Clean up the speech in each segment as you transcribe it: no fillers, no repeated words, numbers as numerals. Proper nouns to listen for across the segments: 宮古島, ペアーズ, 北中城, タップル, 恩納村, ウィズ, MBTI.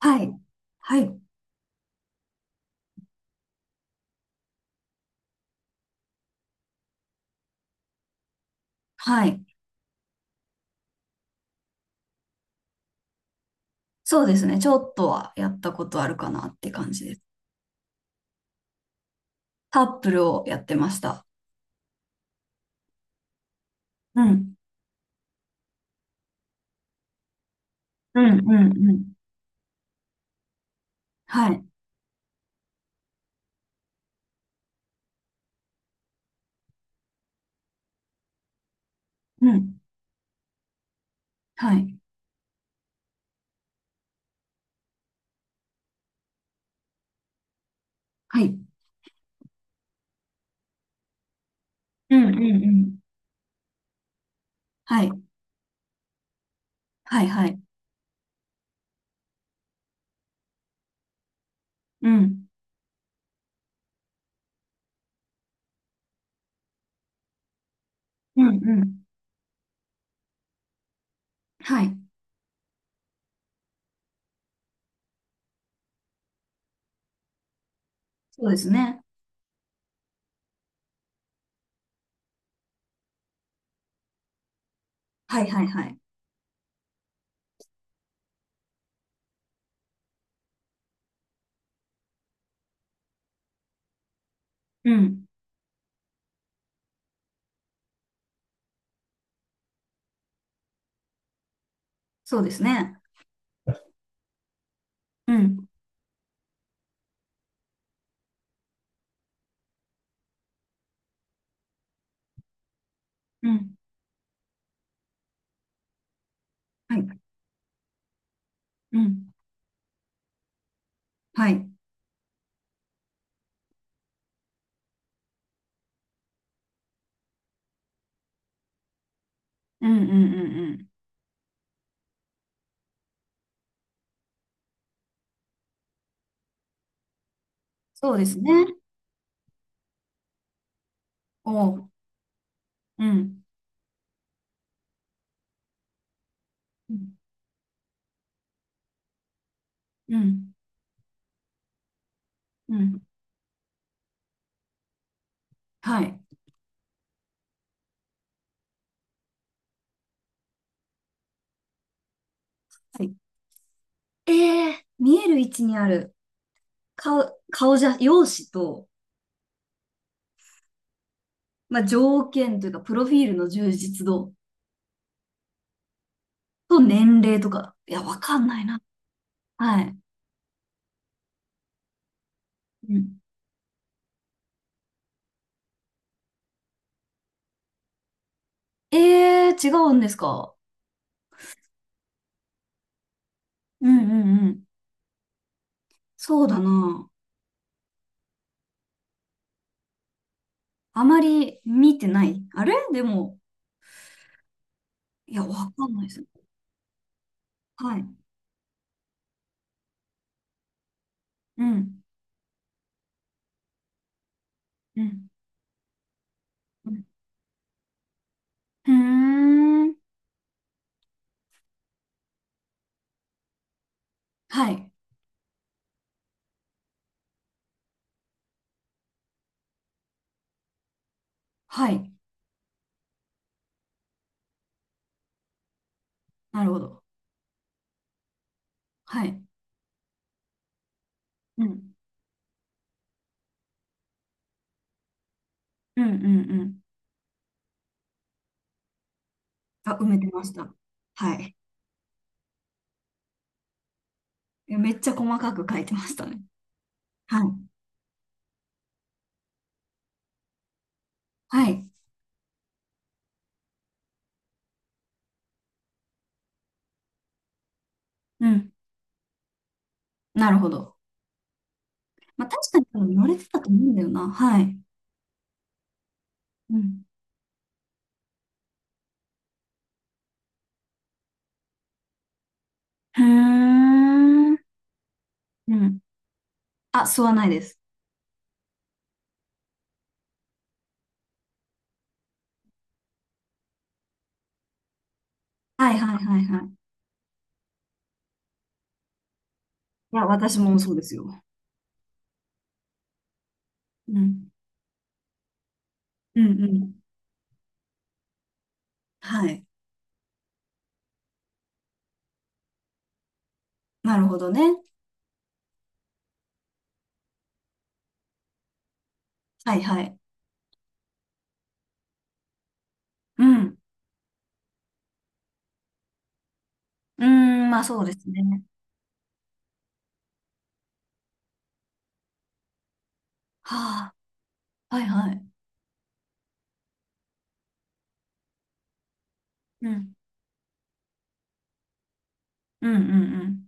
はい。はい。はい。そうですね。ちょっとはやったことあるかなって感じです。タップルをやってました。うん。うん、うん、うん。はい。うん。はい。はい。うん、うん、うん。はい。はい、はい。うん。うん、うん。はい。そうですね。はい、はい、はい。うん。そうですね。うん。うん。はい。うん。はい。うん、うん、うん、うん。そうですね。おう。うん。うん。うん。うん。はい。はい。ええ、見える位置にある。顔、顔じゃ、容姿と、まあ、条件というか、プロフィールの充実度と年齢とか。いや、わかんないな。はい。うん。ええ、違うんですか？うん、うん、うん。そうだな。あまり見てない。あれでも、いや、わかんないです。はい。うん。うん。うん。うーん。はい。はい。なるほど。はい。うん。うん、うん、うん。あ、埋めてました。はい。めっちゃ細かく書いてましたね。はい。はい。うん。なるほど。まあ、確かに多分乗れてたと思うんだよな。はい。うん。へー。うん。あ、吸わないです。はい、はい、はい、はい。いや、私もそうですよ。うん。うん、うん。はい。なるほどね。はい、はい。うん。うーん、まあそうですね。はあ。はい、はい。うん。うん、うん、うん。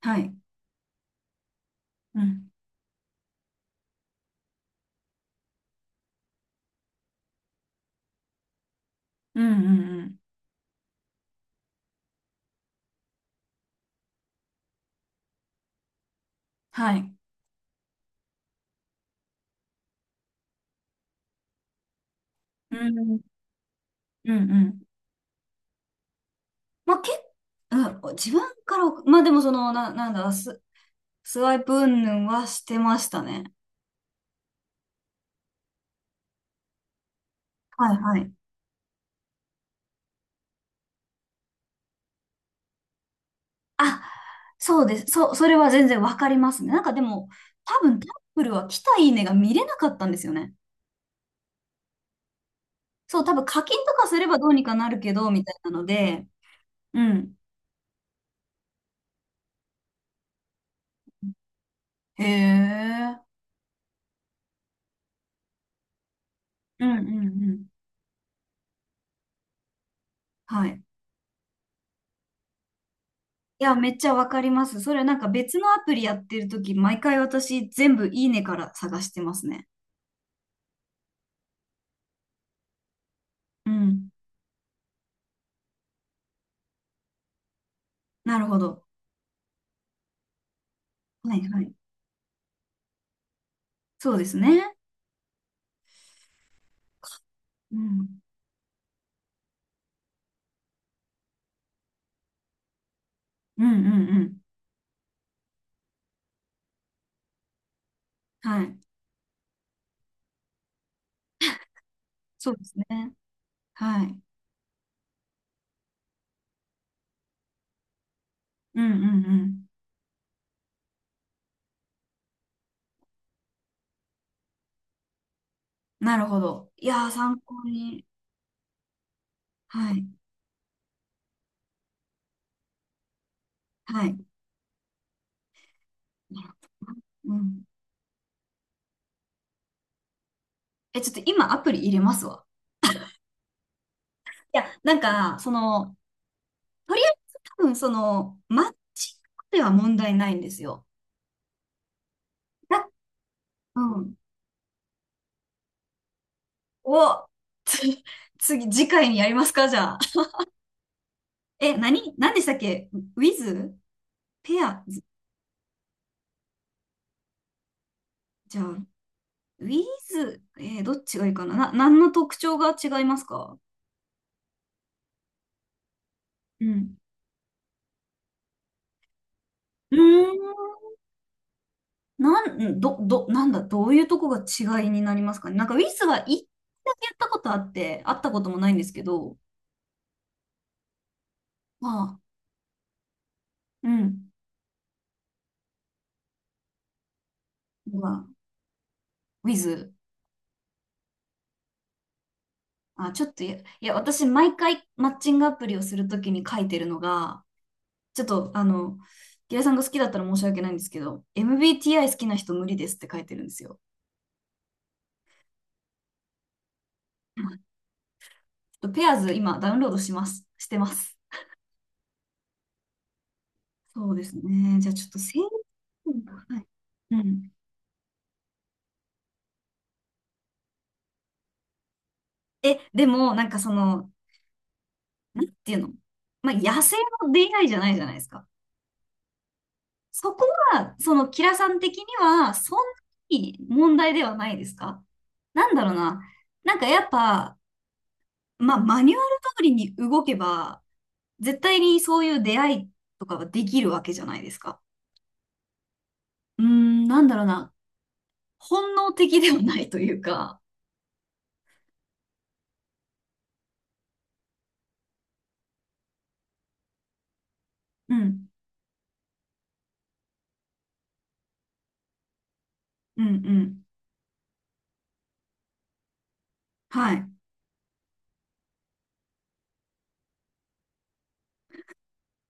はい。うん。うん、うん、うん。はい。うん。うん、うん。まあ、うん、自分からまあでもその、なんだ、スワイプ云々はしてましたね。はい、はい。あ、そうです。それは全然わかりますね。なんかでも、多分タップルは来たいいねが見れなかったんですよね。そう、多分課金とかすればどうにかなるけど、みたいなので、うん。へえ。うん、うん、うん。はい。いや、めっちゃわかります。それなんか別のアプリやってるとき、毎回私全部いいねから探してますね。うん。なるほど。はい、はい。そうですね。うん。うん、うん、うん。はい。そうですね。はい。うん、うん、うん。なるほど。いやー、参考に。はい。はい。なるほど。うん。え、ちょっと今アプリ入れますわ。いや、なんか、その、とりあえず多分その、マッチングでは問題ないんですよ。だ、うん。お、つ、次回にやりますか、じゃあ？え、何でしたっけ ?with? ペアじゃあ。ウィズ、どっちがいいかな。何の特徴が違いますか？うん。うーん。なん、ど、ど、なんだ、どういうとこが違いになりますかね。なんかウィズは一回だけやったことあって、会ったこともないんですけど、まあ、うん。まあ、ウィズ。あ、ちょっとや、いや、私、毎回マッチングアプリをするときに書いてるのが、ちょっと、ギラさんが好きだったら申し訳ないんですけど、MBTI 好きな人無理ですって書いてるんですよ。ちょっとペアーズ今ダウンロードします。してます。そうですね。じゃあちょっと制限が、はい。うん。え、でも、なんかその、なんていうの、まあ、野生の出会いじゃないじゃないですか。そこは、キラさん的には、そんなに問題ではないですか？なんだろうな。なんかやっぱ、まあ、マニュアル通りに動けば、絶対にそういう出会いとかはできるわけじゃないですか。うーん、なんだろうな。本能的ではないというか。うん、うん、うん。はい。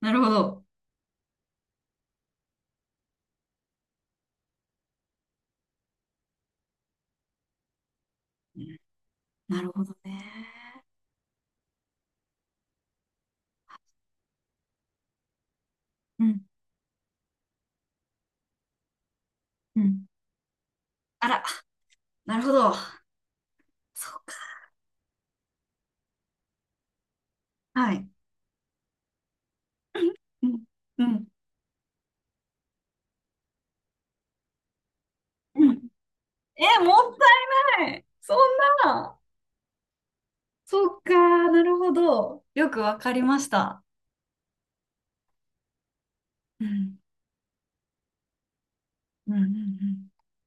なるほど。なるほどね。うん、うん。あら、なるほど。そうか。はい。うん、うん、うん。え、もったいない。そんな。そっか、なるほど。よくわかりました。うん、うん、うん、うん。